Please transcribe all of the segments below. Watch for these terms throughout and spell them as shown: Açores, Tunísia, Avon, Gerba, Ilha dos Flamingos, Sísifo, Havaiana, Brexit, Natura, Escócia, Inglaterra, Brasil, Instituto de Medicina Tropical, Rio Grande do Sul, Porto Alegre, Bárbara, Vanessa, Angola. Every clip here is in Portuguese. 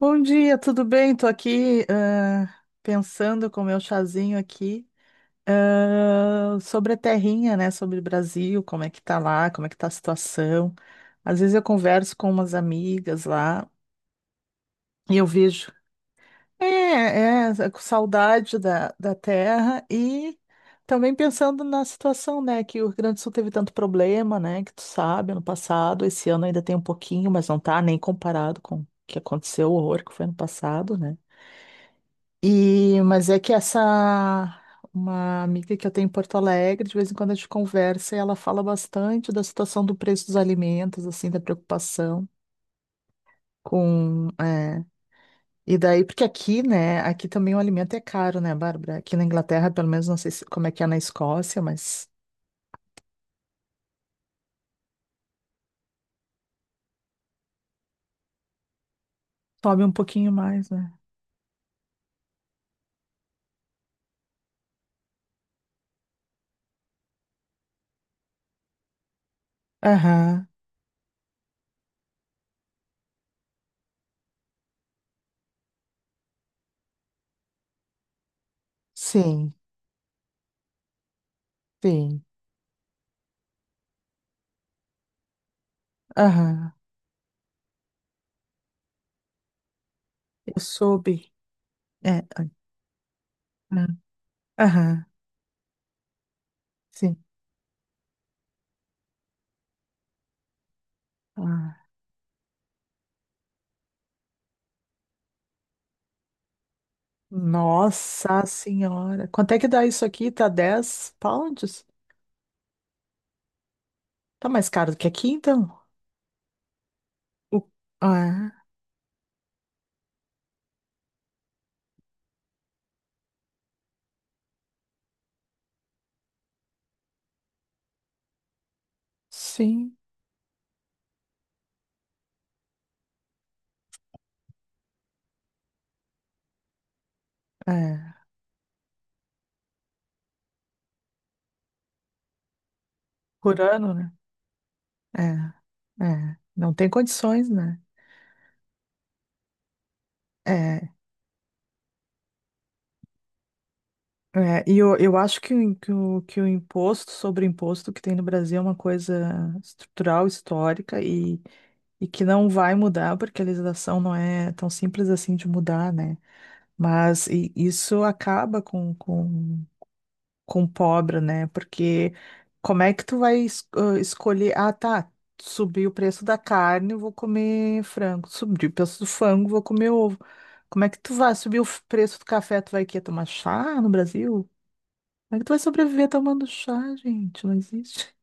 Bom dia, tudo bem? Tô aqui pensando com o meu chazinho aqui sobre a terrinha, né? Sobre o Brasil, como é que tá lá, como é que tá a situação. Às vezes eu converso com umas amigas lá e eu vejo, é, é, é, com saudade da terra e também pensando na situação, né? Que o Rio Grande do Sul teve tanto problema, né? Que tu sabe, ano passado, esse ano ainda tem um pouquinho, mas não tá nem comparado com o que aconteceu, o horror que foi ano passado, né? E, mas é que essa uma amiga que eu tenho em Porto Alegre, de vez em quando a gente conversa e ela fala bastante da situação do preço dos alimentos, assim, da preocupação com, e daí, porque aqui, né, aqui também o alimento é caro, né, Bárbara? Aqui na Inglaterra, pelo menos, não sei como é que é na Escócia, mas sobe um pouquinho mais, né? Aham, sim, sim, aham, eu soube, é, ah, aham, sim. Ah. Nossa senhora. Quanto é que dá isso aqui? Tá 10 pounds? Tá mais caro do que aqui, então? O- Ah, é. Sim. É. Por ano, né? É. É. Não tem condições, né? É. É. E eu acho que, o imposto sobre o imposto que tem no Brasil é uma coisa estrutural, histórica e, que não vai mudar, porque a legislação não é tão simples assim de mudar, né? Mas isso acaba com, com pobre, né? Porque como é que tu vai escolher? Ah, tá. Subiu o preço da carne, eu vou comer frango. Subiu o preço do frango, vou comer ovo. Como é que tu vai subir o preço do café? Tu vai quê? Tomar chá no Brasil? Como é que tu vai sobreviver tomando chá, gente? Não existe.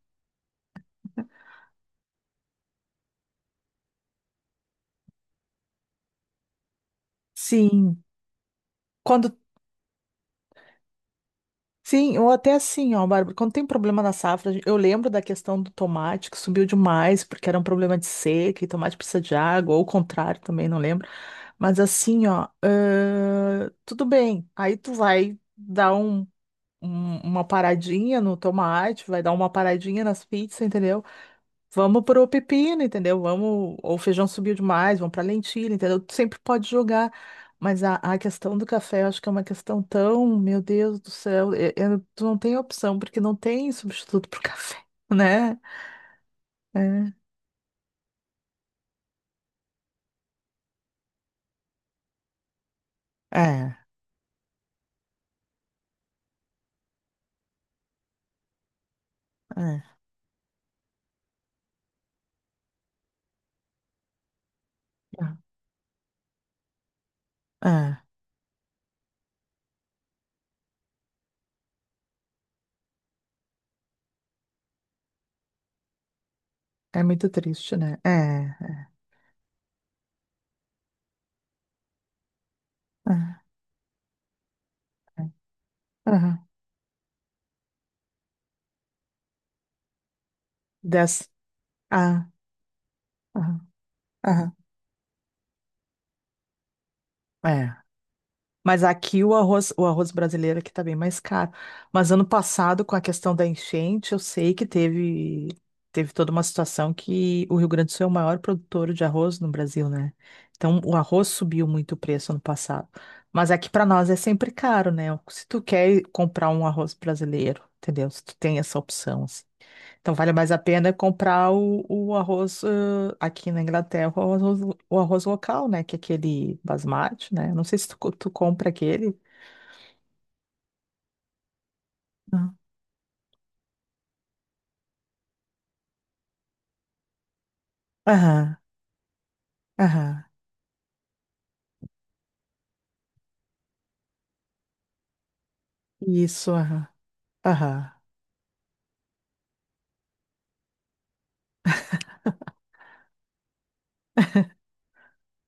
Sim. Quando. Sim, ou até assim, ó, Bárbara, quando tem problema na safra, eu lembro da questão do tomate que subiu demais, porque era um problema de seca e tomate precisa de água, ou o contrário também, não lembro. Mas assim, ó, tudo bem. Aí tu vai dar uma paradinha no tomate, vai dar uma paradinha nas pizzas, entendeu? Vamos pro pepino, entendeu? Vamos, ou o feijão subiu demais, vamos pra lentilha, entendeu? Tu sempre pode jogar. Mas a questão do café, eu acho que é uma questão tão, meu Deus do céu, tu não tem opção, porque não tem substituto pro café, né? É, é, é, é, é, é muito triste, né? É, é, é. É. dessa Ah, aham, aham, é. Mas aqui o arroz brasileiro aqui tá bem mais caro. Mas ano passado, com a questão da enchente, eu sei que teve, teve toda uma situação que o Rio Grande do Sul é o maior produtor de arroz no Brasil, né? Então o arroz subiu muito o preço ano passado. Mas aqui para nós é sempre caro, né? Se tu quer comprar um arroz brasileiro, entendeu? Se tu tem essa opção, assim. Então vale mais a pena é comprar o arroz aqui na Inglaterra, o arroz local, né? Que é aquele basmati, né? Não sei se tu compra aquele. Não. Aham, aham. Isso, aham, aham,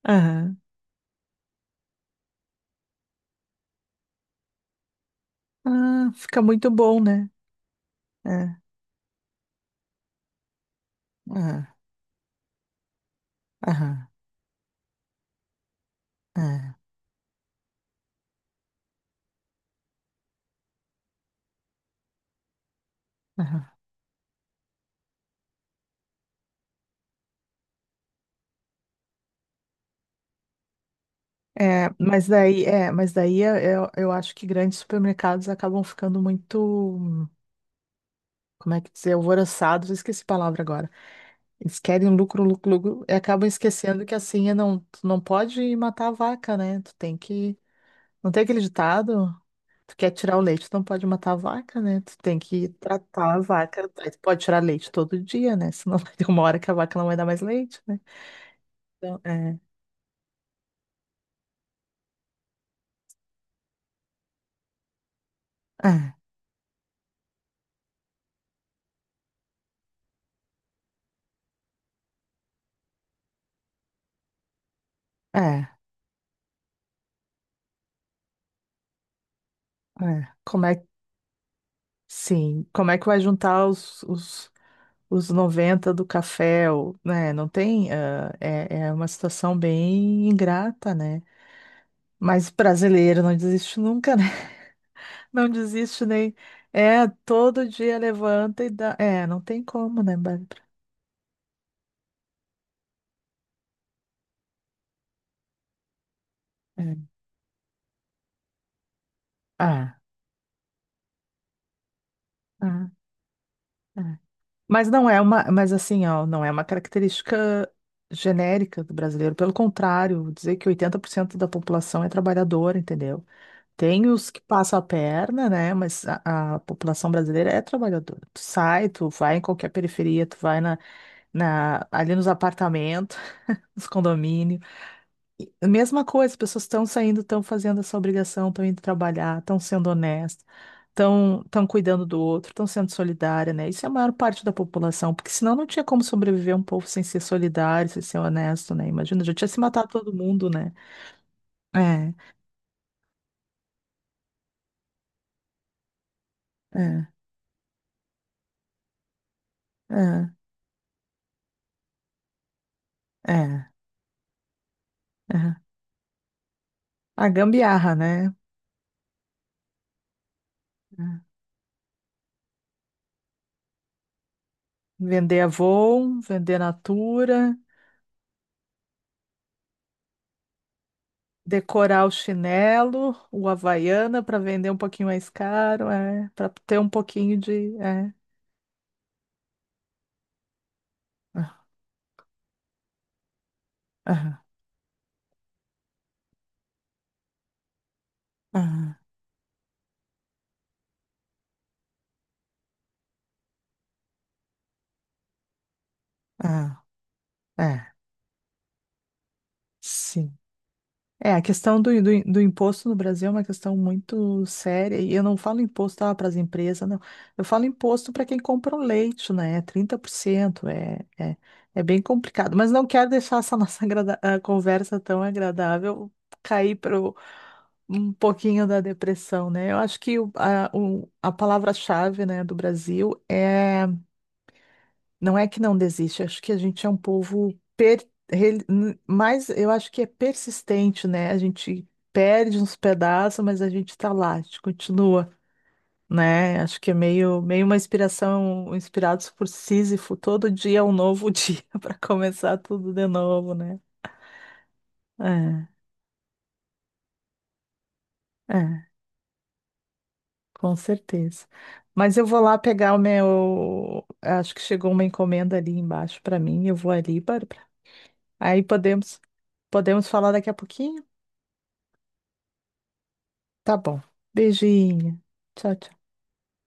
aham. Ah, fica muito bom, né? É, aham, aham, é, aham. É, mas daí, eu acho que grandes supermercados acabam ficando muito, como é que dizer, alvoroçados, eu esqueci a palavra agora. Eles querem lucro, lucro, lucro, e acabam esquecendo que assim, é não, tu não pode matar a vaca, né? Tu tem que. Não tem aquele ditado? Tu quer tirar o leite, tu não pode matar a vaca, né? Tu tem que tratar a vaca. Aí tu pode tirar leite todo dia, né? Senão vai ter uma hora que a vaca não vai dar mais leite, né? Então, é, é, é, é. Sim, como é que vai juntar os, os 90 do café, né? Não tem, ah, é, é uma situação bem ingrata, né? Mas brasileiro não desiste nunca, né? Não desiste nem. É, todo dia levanta e dá. É, não tem como, né, Bárbara? É. Ah, ah, ah. Mas não é uma. Mas assim, ó, não é uma característica genérica do brasileiro. Pelo contrário, vou dizer que 80% da população é trabalhadora, entendeu? Tem os que passam a perna, né? Mas a população brasileira é trabalhadora. Tu sai, tu vai em qualquer periferia, tu vai ali nos apartamentos, nos condomínios. E a mesma coisa, as pessoas estão saindo, estão fazendo essa obrigação, estão indo trabalhar, estão sendo honestas, estão cuidando do outro, estão sendo solidária, né? Isso é a maior parte da população, porque senão não tinha como sobreviver um povo sem ser solidário, sem ser honesto, né? Imagina, já tinha se matado todo mundo, né? É, é, é, é, é. A gambiarra, né? É. Vender Avon, vender Natura, decorar o chinelo, o Havaiana para vender um pouquinho mais caro, é, para ter um pouquinho de. É. Ah, ah, ah, ah, é, sim. É, a questão do imposto no Brasil é uma questão muito séria. E eu não falo imposto para as empresas, não. Eu falo imposto para quem compra o leite, né? 30%. É, é, é bem complicado. Mas não quero deixar essa nossa conversa tão agradável cair para um pouquinho da depressão, né? Eu acho que a palavra-chave, né, do Brasil é. Não é que não desiste, acho que a gente é um povo mais, eu acho que é persistente, né? A gente perde uns pedaços, mas a gente tá lá, a gente continua, né? Acho que é meio uma inspiração, inspirados por Sísifo, todo dia é um novo dia para começar tudo de novo, né? É, é, com certeza. Mas eu vou lá pegar o meu, acho que chegou uma encomenda ali embaixo para mim, eu vou ali, Bárbara. Aí podemos falar daqui a pouquinho? Tá bom. Beijinho. Tchau, tchau.